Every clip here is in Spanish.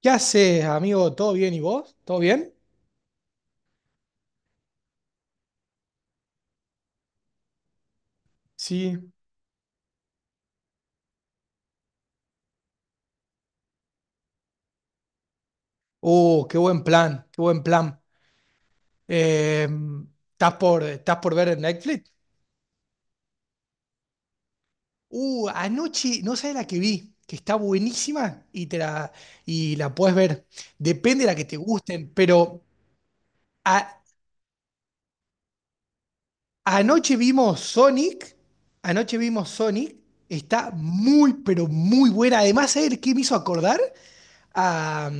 ¿Qué haces, amigo? ¿Todo bien? ¿Y vos? ¿Todo bien? Sí, qué buen plan, qué buen plan. Eh, ¿estás por ver en Netflix? Anoche, no sabes la que vi, que está buenísima y la puedes ver. Depende de la que te gusten, pero a- anoche vimos Sonic, anoche vimos Sonic, está muy, pero muy buena. Además, ¿sabes qué me hizo acordar? a,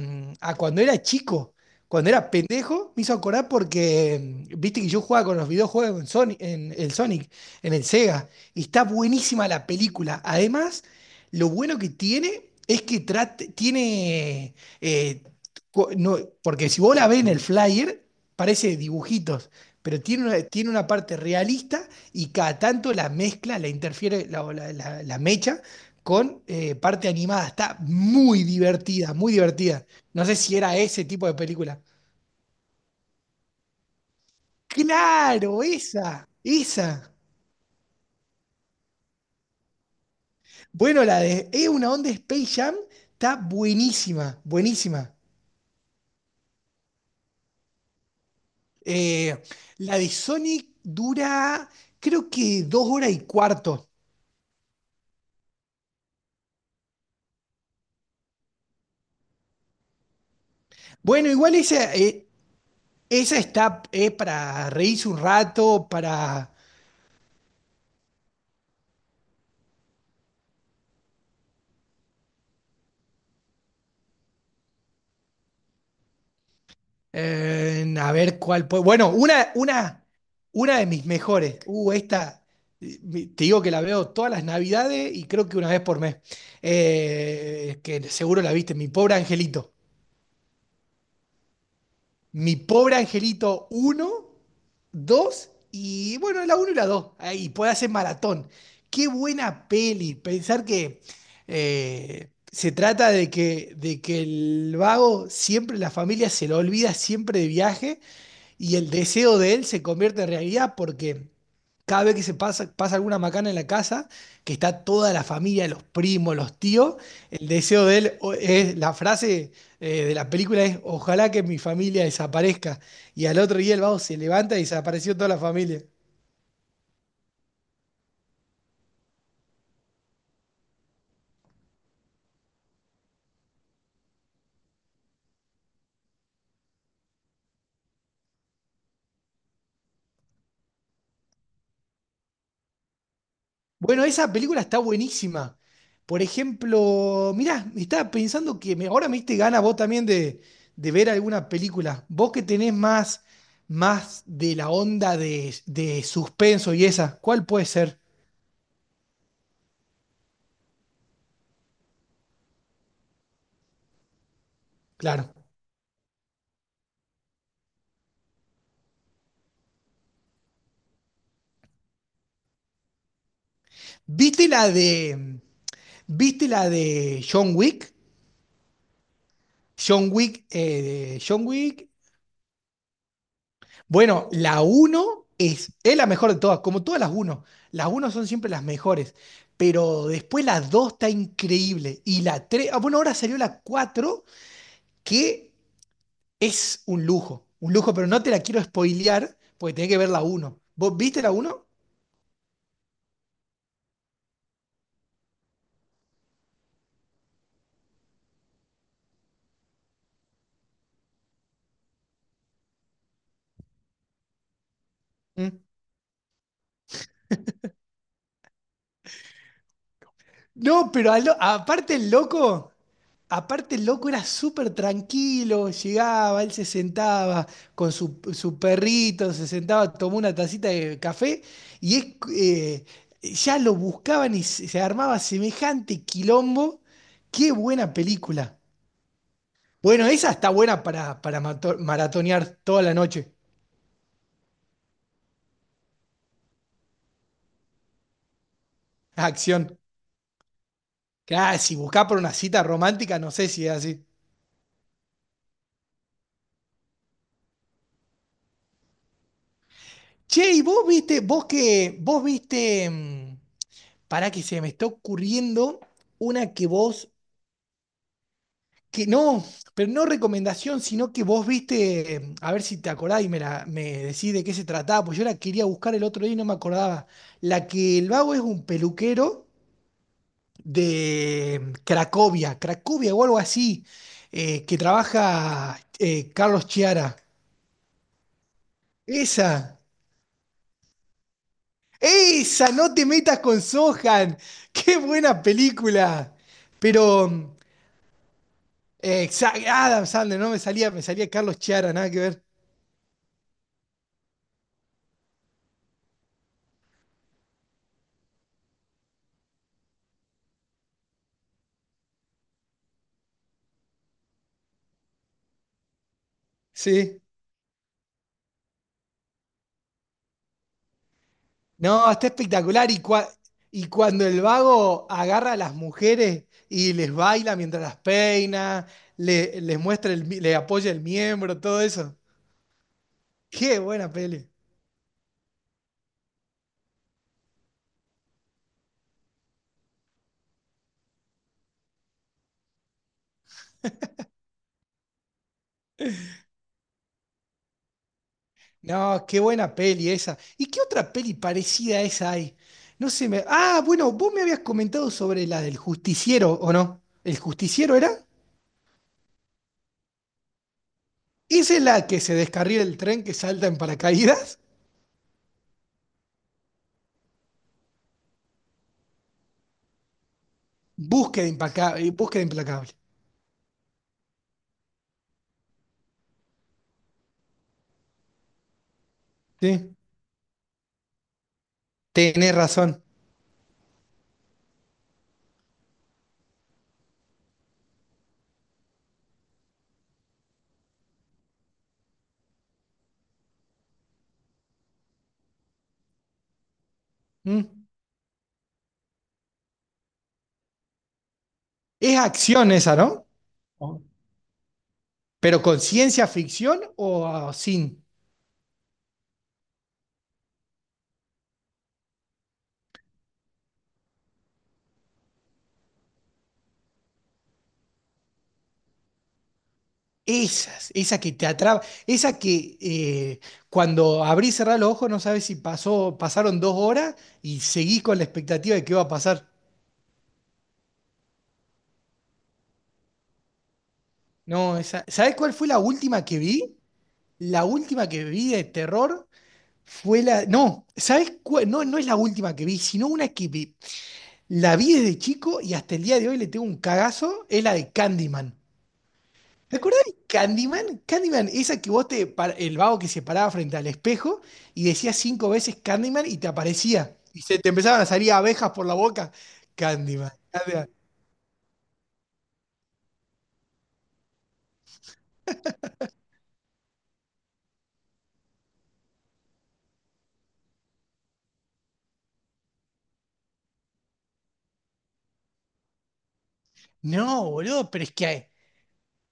a cuando era chico. Cuando era pendejo, me hizo acordar porque viste que yo jugaba con los videojuegos en el Sonic, en el Sega, y está buenísima la película. Además, lo bueno que tiene es que tiene. eh, co- no- Porque si vos la ves en el flyer, parece dibujitos, pero tiene una parte realista y cada tanto la mezcla, la interfiere, la mecha con parte animada. Está muy divertida, muy divertida. No sé si era ese tipo de película. Claro, esa, esa. Bueno, la de Es una onda Space Jam está buenísima, buenísima. Eh, la de Sonic dura, creo que 2 horas y cuarto. Bueno, igual esa, esa está para reírse un rato, para. A ver cuál puede. Bueno, una de mis mejores. Esta, te digo que la veo todas las navidades y creo que una vez por mes. Que seguro la viste, Mi pobre angelito. Mi pobre angelito uno dos, y bueno, la uno y la 2 y puede hacer maratón. Qué buena peli. Pensar que se trata de que el vago siempre, la familia se lo olvida siempre de viaje, y el deseo de él se convierte en realidad porque cada vez que pasa alguna macana en la casa, que está toda la familia, los primos, los tíos. El deseo de él la frase de la película es, ojalá que mi familia desaparezca. Y al otro día el vago se levanta y desapareció toda la familia. Bueno, esa película está buenísima. Por ejemplo, mirá, estaba pensando que ahora me diste gana vos también de ver alguna película. Vos que tenés más de la onda de suspenso y esa, ¿cuál puede ser? Claro. ¿Viste la de, viste la de John Wick? John Wick. Bueno, la uno es, la mejor de todas, como todas las uno. Las uno son siempre las mejores, pero después la 2 está increíble. Y la 3. Ah, bueno, ahora salió la cuatro, que es un lujo, pero no te la quiero spoilear, porque tenés que ver la uno. ¿Vos viste la uno? Mm. No, pero aparte el loco, era súper tranquilo, llegaba, él se sentaba con su perrito, se sentaba, tomó una tacita de café, y eh, ya lo buscaban y se armaba semejante quilombo. Qué buena película. Bueno, esa está buena para maratonear toda la noche. Acción. Casi, buscar por una cita romántica, no sé si es así. Che, ¿y vos viste, para que se me está ocurriendo una que vos, que no, pero no recomendación, sino que vos viste, a ver si te acordás y me decís de qué se trataba, pues yo la quería buscar el otro día y no me acordaba. La que el vago es un peluquero de Cracovia, Cracovia o algo así, que trabaja Carlos Chiara. Esa, esa, no te metas con Sohan. Qué buena película. Pero. Exacto, Adam Sandler, no me salía, me salía Carlos Chiara, nada que ver. Sí. No, está espectacular. Y, y cuando el vago agarra a las mujeres y les baila mientras las peina, les muestra el, le apoya el miembro, todo eso. Qué buena peli. No, qué buena peli esa. ¿Y qué otra peli parecida a esa hay? No sé, me. Ah, bueno, vos me habías comentado sobre la del justiciero, ¿o no? ¿El justiciero era? ¿Esa es la que se descarrila el tren que salta en paracaídas? Búsqueda implacable. Sí, tenés razón. ¿Mm? Es acción esa, ¿no? Oh. Pero con ciencia ficción o sin. Esas, esa que te atrapa, esa que cuando abrís y cerrás los ojos no sabes si pasaron dos horas y seguís con la expectativa de qué va a pasar. No, esa, ¿sabés cuál fue la última que vi? La última que vi de terror fue la. No, ¿sabes cuál? No, no es la última que vi, sino una que la vi desde chico y hasta el día de hoy le tengo un cagazo, es la de Candyman. ¿Te acordás de Candyman? Candyman, esa que vos te, el vago que se paraba frente al espejo y decías 5 veces Candyman y te aparecía. Y se te empezaban a salir abejas por la boca. Candyman, Candyman. No, boludo, pero es que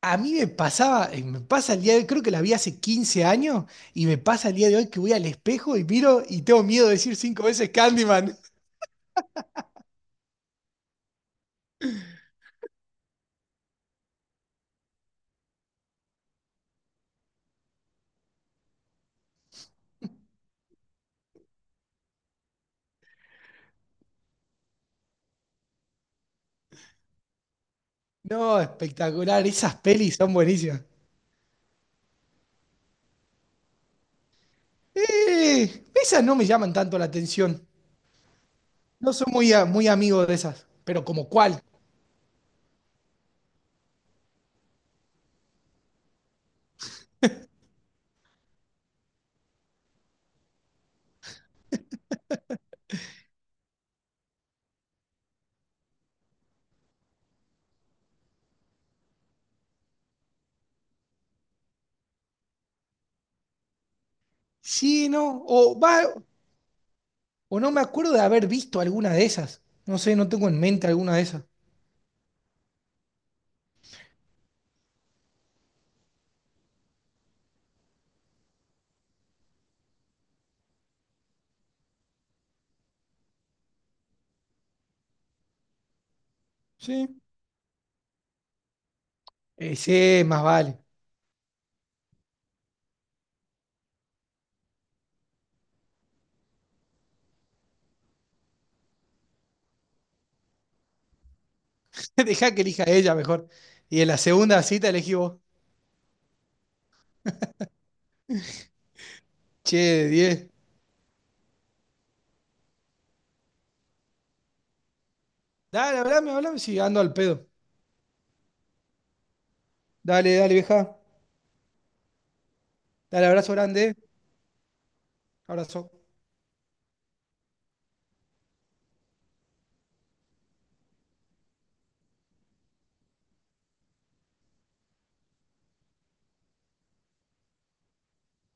a mí me pasaba, me pasa el día de hoy, creo que la vi hace 15 años y me pasa el día de hoy que voy al espejo y miro y tengo miedo de decir 5 veces Candyman. No, espectacular, esas pelis son buenísimas. Esas no me llaman tanto la atención. No soy muy, muy amigo de esas. Pero como cuál. Sí, no. O va, o no me acuerdo de haber visto alguna de esas. No sé, no tengo en mente alguna de esas. Sí. Sí, más vale. Dejá que elija ella mejor. Y en la segunda cita elegí vos. Che, de 10. Dale, hablame, hablame. Sí, ando al pedo. Dale, dale, vieja. Dale, abrazo grande. Abrazo.